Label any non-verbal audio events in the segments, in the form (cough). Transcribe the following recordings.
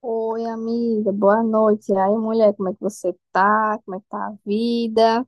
Oi, amiga, boa noite. E aí, mulher, como é que você tá? Como é que tá a vida?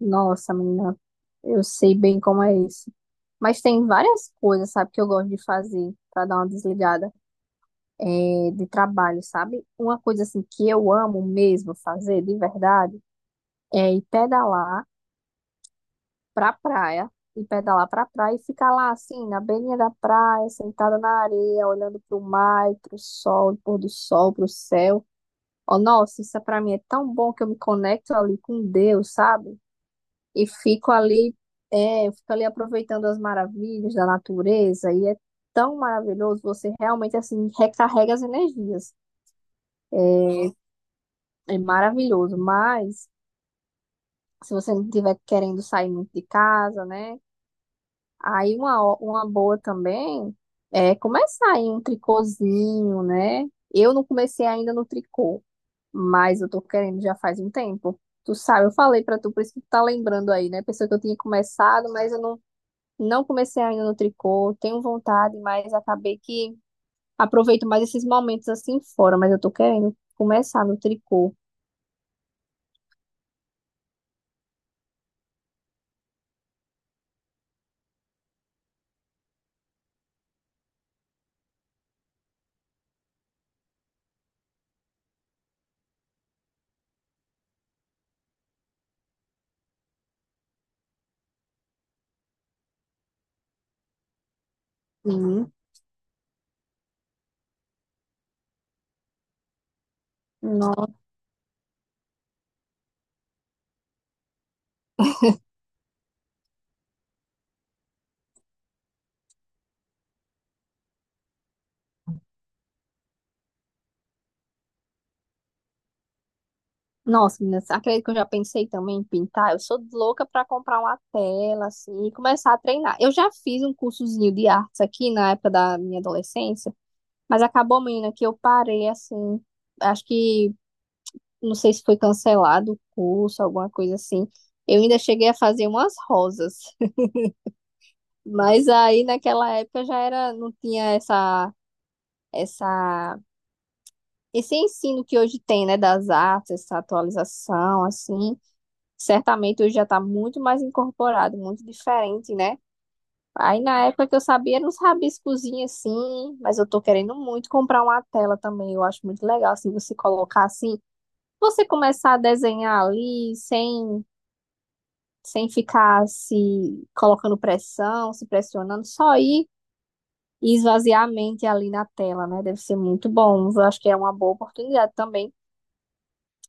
Nossa, menina, eu sei bem como é isso. Mas tem várias coisas, sabe, que eu gosto de fazer pra dar uma desligada de trabalho, sabe? Uma coisa assim que eu amo mesmo fazer, de verdade, é ir pedalar pra praia, ir pedalar pra praia e ficar lá assim, na beirinha da praia, sentada na areia, olhando pro mar, e pro sol, pôr do sol, pro céu. Oh, nossa, isso é pra mim é tão bom que eu me conecto ali com Deus, sabe? E fico ali, eu fico ali aproveitando as maravilhas da natureza e é tão maravilhoso, você realmente assim recarrega as energias. É, é maravilhoso, mas se você não estiver querendo sair muito de casa, né? Aí uma, uma boa também é começar em um tricôzinho, né? Eu não comecei ainda no tricô. Mas eu tô querendo já faz um tempo. Tu sabe, eu falei pra tu, por isso que tu tá lembrando aí, né? Pensou que eu tinha começado, mas eu não comecei ainda no tricô. Tenho vontade, mas acabei que aproveito mais esses momentos assim fora. Mas eu tô querendo começar no tricô. Sim. No- Nossa, meninas, acredito que eu já pensei também em pintar. Eu sou louca pra comprar uma tela, assim, e começar a treinar. Eu já fiz um cursozinho de artes aqui na época da minha adolescência, mas acabou, menina, que eu parei, assim, acho que não sei se foi cancelado o curso, alguma coisa assim. Eu ainda cheguei a fazer umas rosas, (laughs) mas aí naquela época já era, não tinha essa, essa, esse ensino que hoje tem, né, das artes, essa atualização, assim. Certamente hoje já está muito mais incorporado, muito diferente, né? Aí na época que eu sabia, eram uns rabiscozinhos assim, mas eu tô querendo muito comprar uma tela também. Eu acho muito legal, assim, você colocar assim, você começar a desenhar ali sem ficar se colocando pressão, se pressionando, só ir e esvaziar a mente ali na tela, né? Deve ser muito bom. Eu acho que é uma boa oportunidade também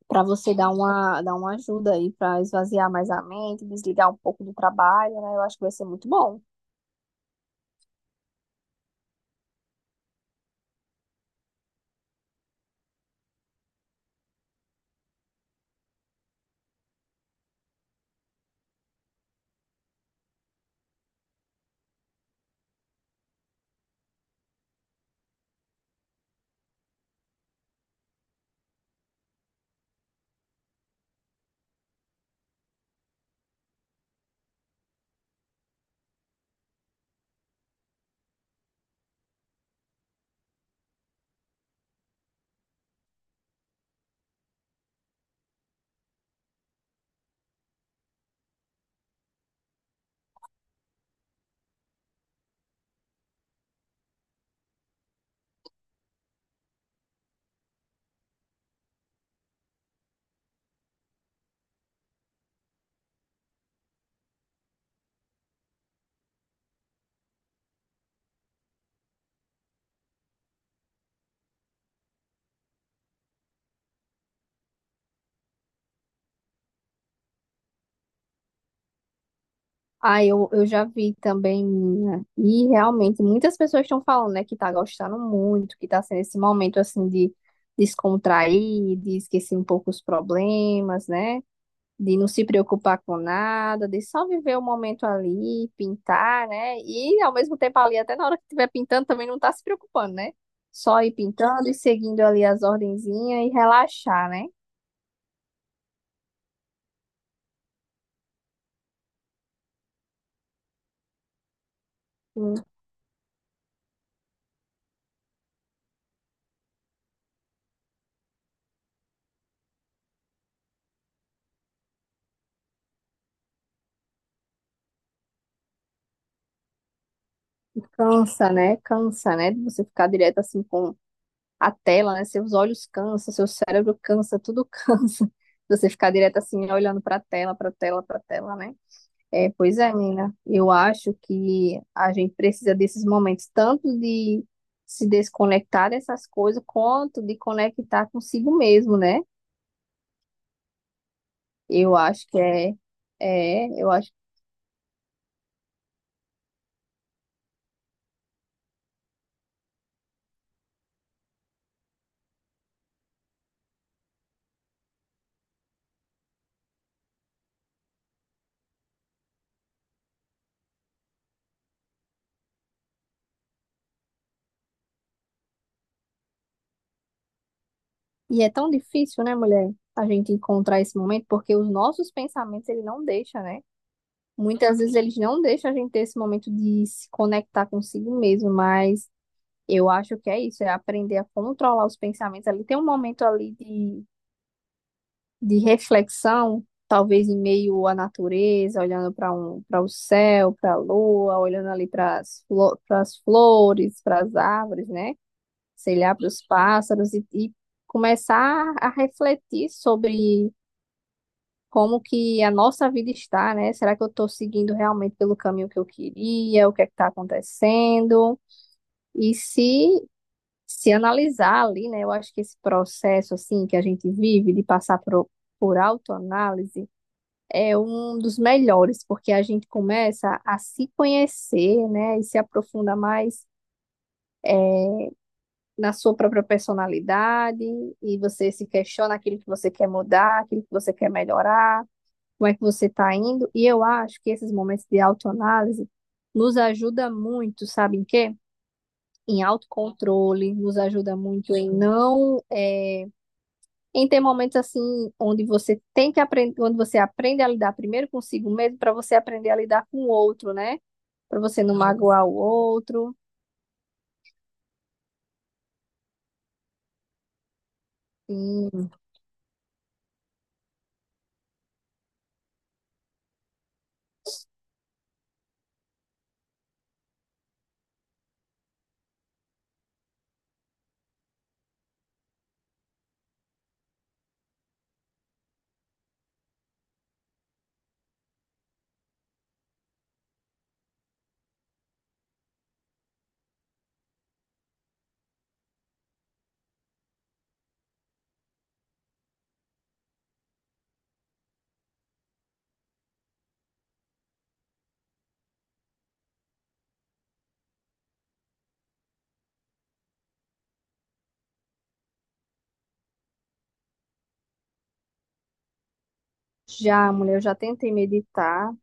para você dar uma ajuda aí para esvaziar mais a mente, desligar um pouco do trabalho, né? Eu acho que vai ser muito bom. Ah, eu já vi também, menina, e realmente muitas pessoas estão falando, né, que tá gostando muito, que tá sendo esse momento assim de descontrair, de esquecer um pouco os problemas, né? De não se preocupar com nada, de só viver o momento ali, pintar, né? E ao mesmo tempo ali, até na hora que estiver pintando, também não tá se preocupando, né? Só ir pintando e seguindo ali as ordenzinhas e relaxar, né? Hum, cansa, né? Cansa, né? De você ficar direto assim com a tela, né? Seus olhos cansam, seu cérebro cansa, tudo cansa. (laughs) Você ficar direto assim, olhando pra tela, pra tela, pra tela, né? É, pois é, menina. Eu acho que a gente precisa desses momentos, tanto de se desconectar dessas coisas, quanto de conectar consigo mesmo, né? Eu acho que é, é, eu acho. E é tão difícil, né, mulher, a gente encontrar esse momento, porque os nossos pensamentos, ele não deixa, né? Muitas vezes eles não deixam a gente ter esse momento de se conectar consigo mesmo, mas eu acho que é isso, é aprender a controlar os pensamentos ali. Tem um momento ali de reflexão, talvez em meio à natureza, olhando para um, para o céu, para a lua, olhando ali para as flo pras flores, para as árvores, né? Sei lá, para os pássaros e começar a refletir sobre como que a nossa vida está, né? Será que eu estou seguindo realmente pelo caminho que eu queria? O que é que está acontecendo? E se analisar ali, né? Eu acho que esse processo assim que a gente vive de passar por autoanálise é um dos melhores, porque a gente começa a se conhecer, né, e se aprofunda mais na sua própria personalidade, e você se questiona aquilo que você quer mudar, aquilo que você quer melhorar, como é que você está indo. E eu acho que esses momentos de autoanálise nos ajuda muito, sabe em quê? Em autocontrole, nos ajuda muito em não é, em ter momentos assim onde você tem que aprender, onde você aprende a lidar primeiro consigo mesmo para você aprender a lidar com o outro, né? Para você não magoar o outro. Sim. Já, mulher, eu já tentei meditar,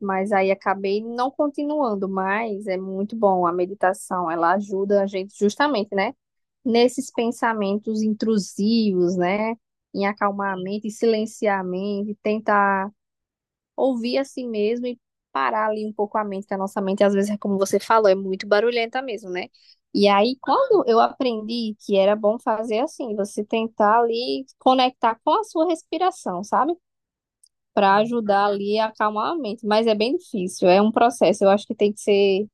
mas aí acabei não continuando, mas é muito bom a meditação, ela ajuda a gente justamente, né, nesses pensamentos intrusivos, né, em acalmar a mente, em silenciar a mente, tentar ouvir assim mesmo e parar ali um pouco a mente, que a nossa mente, às vezes, é como você falou, é muito barulhenta mesmo, né? E aí, quando eu aprendi que era bom fazer assim, você tentar ali conectar com a sua respiração, sabe? Para ajudar ali a acalmar a mente. Mas é bem difícil, é um processo. Eu acho que tem que ser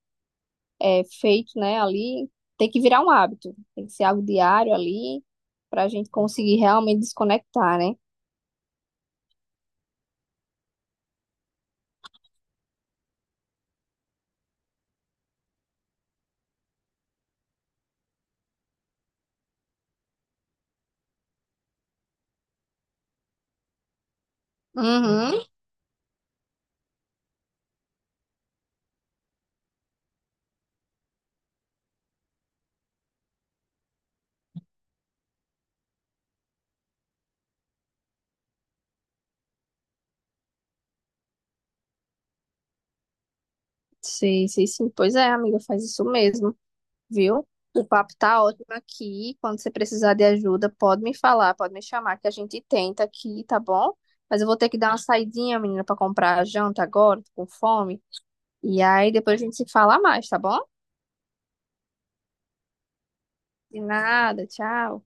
feito, né? Ali, tem que virar um hábito, tem que ser algo diário ali, para a gente conseguir realmente desconectar, né? Uhum, sim sei sim. Pois é, amiga, faz isso mesmo. Viu? O papo tá ótimo aqui. Quando você precisar de ajuda, pode me falar, pode me chamar, que a gente tenta aqui, tá bom? Mas eu vou ter que dar uma saidinha, menina, pra comprar a janta agora, tô com fome. E aí depois a gente se fala mais, tá bom? De nada, tchau.